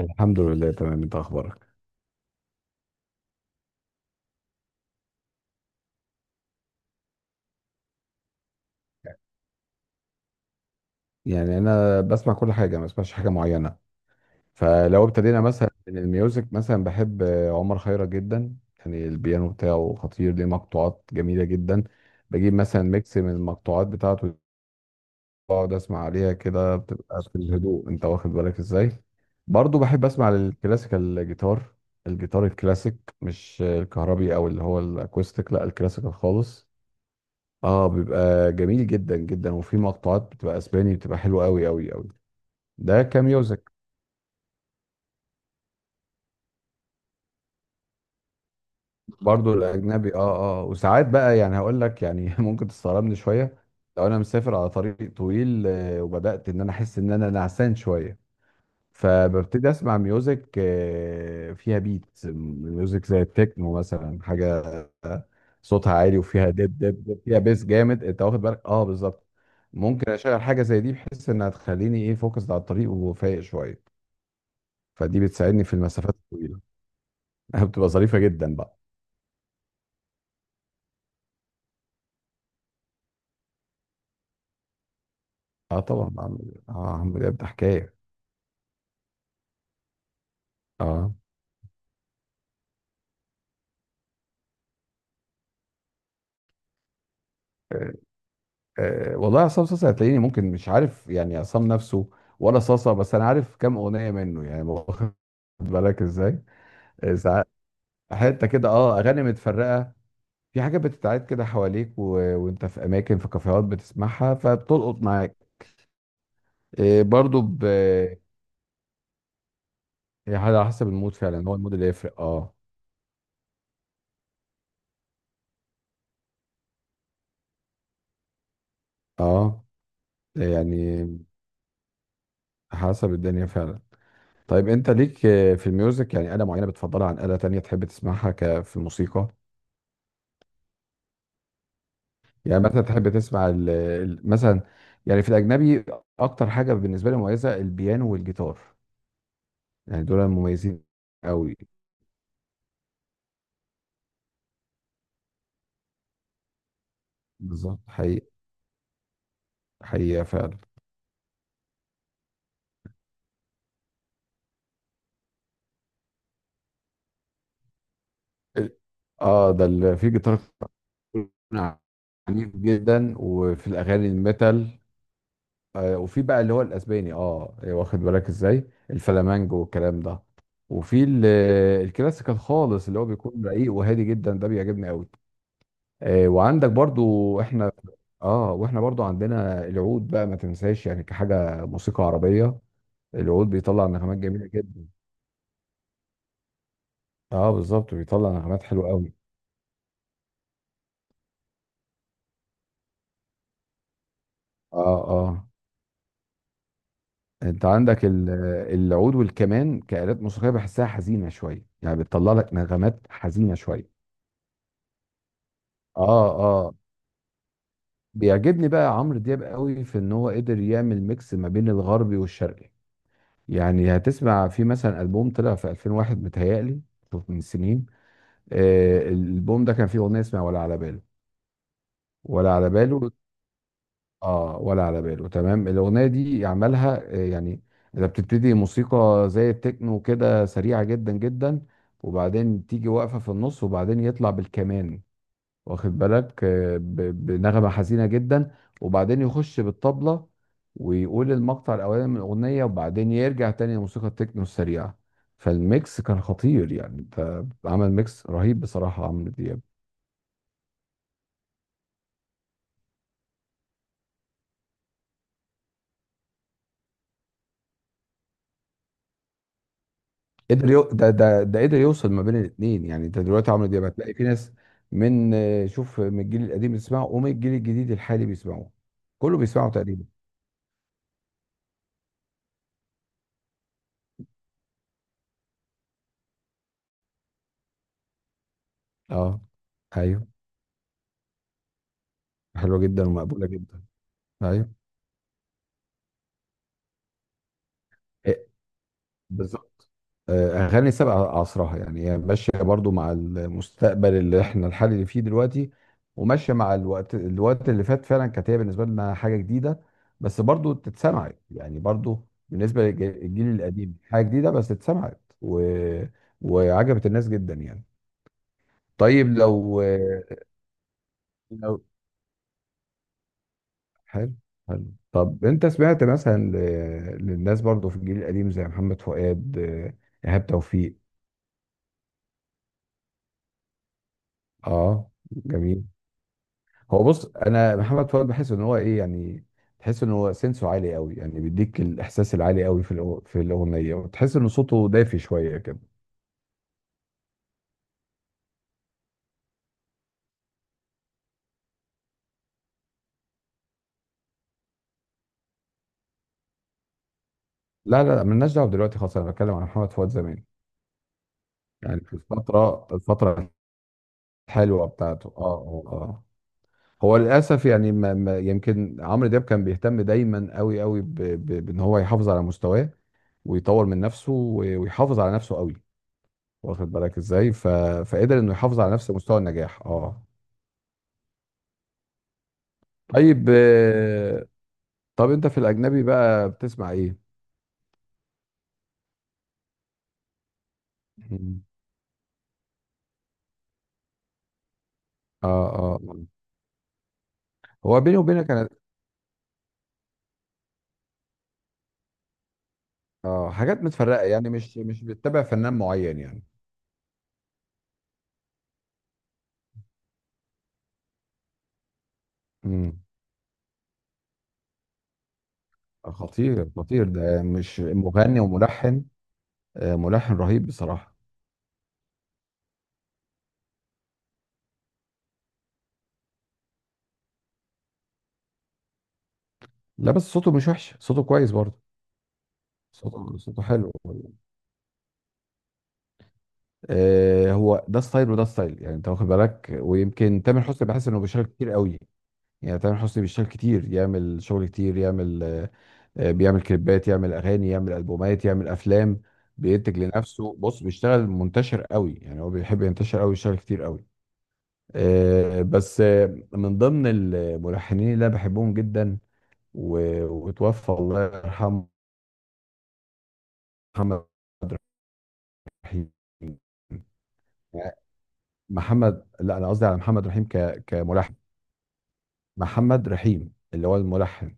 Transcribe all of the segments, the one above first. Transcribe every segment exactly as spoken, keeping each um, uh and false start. الحمد لله تمام. انت اخبارك؟ يعني انا بسمع كل حاجه، ما بسمعش حاجه معينه. فلو ابتدينا مثلا من الميوزك، مثلا بحب عمر خيرت جدا. يعني البيانو بتاعه خطير، ليه مقطوعات جميله جدا. بجيب مثلا ميكس من المقطوعات بتاعته، بقعد اسمع عليها كده، بتبقى في الهدوء، انت واخد بالك ازاي. برضو بحب اسمع الكلاسيكال جيتار، الجيتار الكلاسيك، مش الكهربي او اللي هو الاكوستيك، لا الكلاسيكال خالص. اه بيبقى جميل جدا جدا، وفي مقطوعات بتبقى اسباني، بتبقى حلوه قوي قوي قوي. ده كميوزك. برضو الاجنبي اه اه. وساعات بقى يعني هقول لك يعني، ممكن تستغربني شويه. لو انا مسافر على طريق طويل آه، وبدات ان انا احس ان انا نعسان شويه، فببتدي اسمع ميوزك آه، فيها بيت ميوزك زي التكنو مثلا، حاجه صوتها عالي وفيها دب دب دب، فيها بيس جامد، انت واخد بالك. اه بالظبط. ممكن اشغل حاجه زي دي بحيث انها تخليني ايه، فوكس على الطريق وفايق شويه. فدي بتساعدني في المسافات الطويله. بتبقى ظريفه جدا بقى. اه طبعا بعمل اه، عم ده حكايه. اه آه، آه، والله عصام صاصا هتلاقيني ممكن مش عارف يعني عصام نفسه ولا صاصا، بس انا عارف كام اغنيه منه يعني، واخد بالك ازاي. ساعات حته كده اه، اغاني متفرقه. في حاجات بتتعاد كده حواليك و... وانت في اماكن، في كافيهات بتسمعها فبتلقط معاك. إيه برضو ب... هي على حسب المود فعلا، هو المود اللي يفرق اه. اه، يعني حسب الدنيا فعلا. طيب انت ليك آه، في الميوزك يعني آلة معينة بتفضلها عن آلة تانية تحب تسمعها ك... في الموسيقى؟ يعني مثلا تحب تسمع ال... ال- مثلا يعني في الأجنبي؟ أكتر حاجة بالنسبة لي مميزة البيانو والجيتار، يعني دول مميزين قوي. بالظبط حقيقي. حقيقة فعلا. ال- اه ده اللي فيه جيتار عنيف جدا، وفي الاغاني الميتال. آه وفي بقى اللي هو الاسباني اه إيه، واخد بالك ازاي، الفلامانجو والكلام ده. وفي ال- الكلاسيكال خالص اللي هو بيكون رقيق وهادي جدا، ده بيعجبني قوي. آه وعندك برضو احنا، اه واحنا برضو عندنا العود بقى ما تنساش، يعني كحاجة موسيقى عربية. العود بيطلع نغمات جميلة جدا. اه بالظبط بيطلع نغمات حلوة قوي. اه اه. انت عندك ال- العود والكمان كآلات موسيقية بحسها حزينة شوية، يعني بتطلع لك نغمات حزينة شوية. اه اه. بيعجبني بقى عمرو دياب قوي في ان هو قدر يعمل ميكس ما بين الغربي والشرقي. يعني هتسمع في مثلا ألبوم طلع في ألفين وواحد متهيألي، شوف من سنين. آه الألبوم ده كان فيه أغنية اسمها ولا على باله. ولا على باله. اه ولا على باله تمام. الاغنيه دي عملها آه، يعني اذا بتبتدي موسيقى زي التكنو كده سريعه جدا جدا، وبعدين تيجي واقفه في النص، وبعدين يطلع بالكمان، واخد بالك آه، ب- بنغمه حزينه جدا، وبعدين يخش بالطبله ويقول المقطع الاولاني من الاغنيه، وبعدين يرجع تاني لموسيقى التكنو السريعه. فالميكس كان خطير يعني، انت عمل ميكس رهيب بصراحه عمرو دياب. قدر يو... ده ده ده قدر يوصل ما بين الاثنين. يعني انت دلوقتي عمرو دياب هتلاقي في ناس من آه، شوف، من الجيل القديم بيسمعه، ومن الجيل الجديد الحالي بيسمعوه. كله بيسمعه تقريبا. اه ايوه. حلوه جدا ومقبوله جدا. ايوه بالظبط. آه، اغاني سابقه عصرها يعني، هي ماشيه برضو مع المستقبل اللي احنا الحالي اللي فيه دلوقتي، وماشيه مع الوقت. الوقت اللي فات فعلا كانت هي بالنسبه لنا حاجه جديده، بس برضو تتسمع يعني. برضو بالنسبه للجيل القديم حاجه جديده، بس اتسمعت و... وعجبت الناس جدا يعني. طيب لو، لو، حلو حلو. طب انت سمعت مثلا ل- للناس برضو في الجيل القديم زي محمد فؤاد آه، ايهاب توفيق؟ اه جميل. هو بص انا محمد فؤاد بحس ان هو ايه يعني، تحس ان هو سنسه عالي قوي، يعني بيديك الاحساس العالي قوي في الأغ- في الاغنيه، وتحس ان صوته دافي شويه كده. لا لا مالناش دعوه دلوقتي خالص، انا بتكلم عن محمد فؤاد زمان. يعني في الفتره، الفتره الحلوه بتاعته اه اه اه. هو للاسف يعني، ما ما يمكن عمرو دياب كان بيهتم دايما قوي قوي ب- ب- بان هو يحافظ على مستواه ويطور من نفسه و- ويحافظ على نفسه قوي، واخد بالك ازاي. ف... فقدر انه يحافظ على نفس مستوى النجاح اه. طيب آه، طب انت في الاجنبي بقى بتسمع ايه؟ مم. اه اه آه. هو بيني وبينك انا، اه حاجات متفرقه يعني، مش مش بتتبع فنان معين يعني. مم. خطير، خطير ده مش مغني وملحن. آه ملحن رهيب بصراحه. لا بس صوته مش وحش، صوته كويس برضه. صوته صوته حلو. آه هو ده ستايل وده ستايل، يعني انت واخد بالك. ويمكن تامر حسني بحس انه بيشارك كتير قوي. يعني تامر حسني بيشتغل كتير، يعمل شغل كتير، يعمل آه، آه، بيعمل كليبات، يعمل اغاني، يعمل البومات، يعمل افلام، بينتج لنفسه. بص بيشتغل منتشر قوي يعني، هو بيحب ينتشر قوي يشتغل كتير قوي. آه، بس آه، من ضمن الملحنين اللي انا بحبهم جدا و- وتوفى الله يرحمه، محمد رحيم. يعني محمد، لا انا قصدي على محمد رحيم ك... كملحن. محمد رحيم اللي هو الملحن.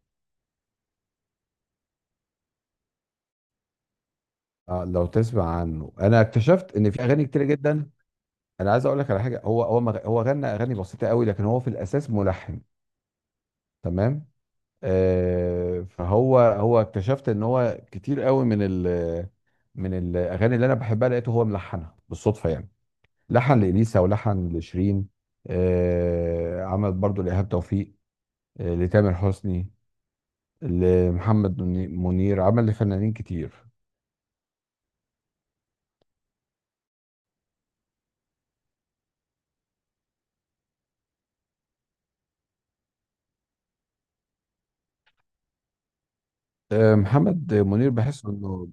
آه، لو تسمع عنه، انا اكتشفت ان في اغاني كتير جدا. انا عايز اقول لك على حاجه، هو هو مغ... هو غنى اغاني بسيطه قوي، لكن هو في الاساس ملحن، تمام. آه فهو هو اكتشفت ان هو كتير قوي من ال... من الاغاني اللي انا بحبها لقيته هو ملحنها بالصدفه يعني. لحن لاليسا ولحن لشيرين. آه عمل برضو لايهاب توفيق، آه لتامر حسني، لمحمد مني- منير، عمل لفنانين كتير. آه محمد منير بحس انه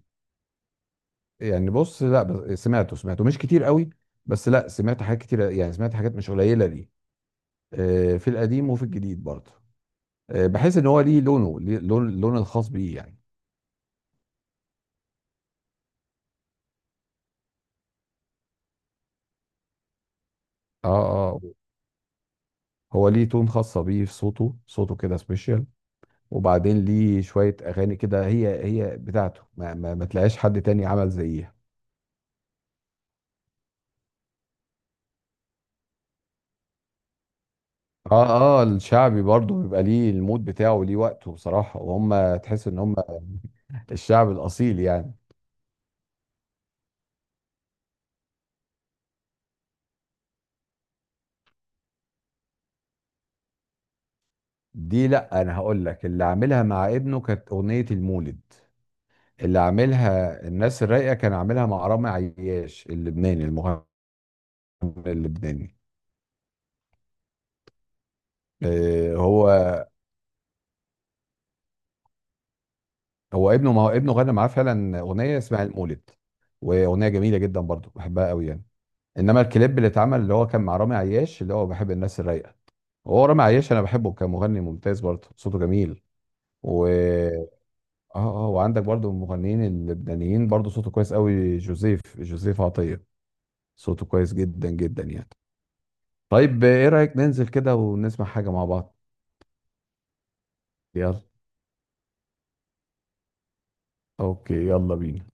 يعني، بص لا بس- سمعته، سمعته مش كتير قوي. بس لا سمعت حاجات كتير يعني، سمعت حاجات مش قليله ليه آه، في القديم وفي الجديد برضه. آه، بحس ان هو ليه لونه، ليه لون، اللون الخاص بيه يعني. اه اه. هو ليه تون خاصه بيه في صوته، صوته كده سبيشال. وبعدين ليه شويه اغاني كده هي هي بتاعته، ما, ما, ما تلاقيش حد تاني عمل زيها. اه اه الشعبي برضه بيبقى ليه المود بتاعه وليه وقته بصراحه، وهم تحس ان هم الشعب الاصيل يعني. دي لا انا هقول لك، اللي عاملها مع ابنه كانت اغنيه المولد. اللي عاملها الناس الرايقه كان عاملها مع رامي عياش، اللبناني المغني اللبناني. آه، هو هو ابنه، ما هو ابنه غنى معاه فعلا اغنيه اسمها المولد، واغنيه جميله جدا برضو بحبها قوي يعني. انما الكليب اللي اتعمل اللي هو كان مع رامي عياش، اللي هو بحب الناس الرايقه. هو رامي عياش انا بحبه كمغني ممتاز برضه، صوته جميل. و اه اه، وعندك برضه من المغنيين اللبنانيين برضه صوته كويس قوي، جوزيف جوزيف عطية، صوته كويس جدا جدا يعني. طيب ايه رأيك ننزل كده ونسمع حاجة مع بعض؟ يلا، اوكي يلا بينا.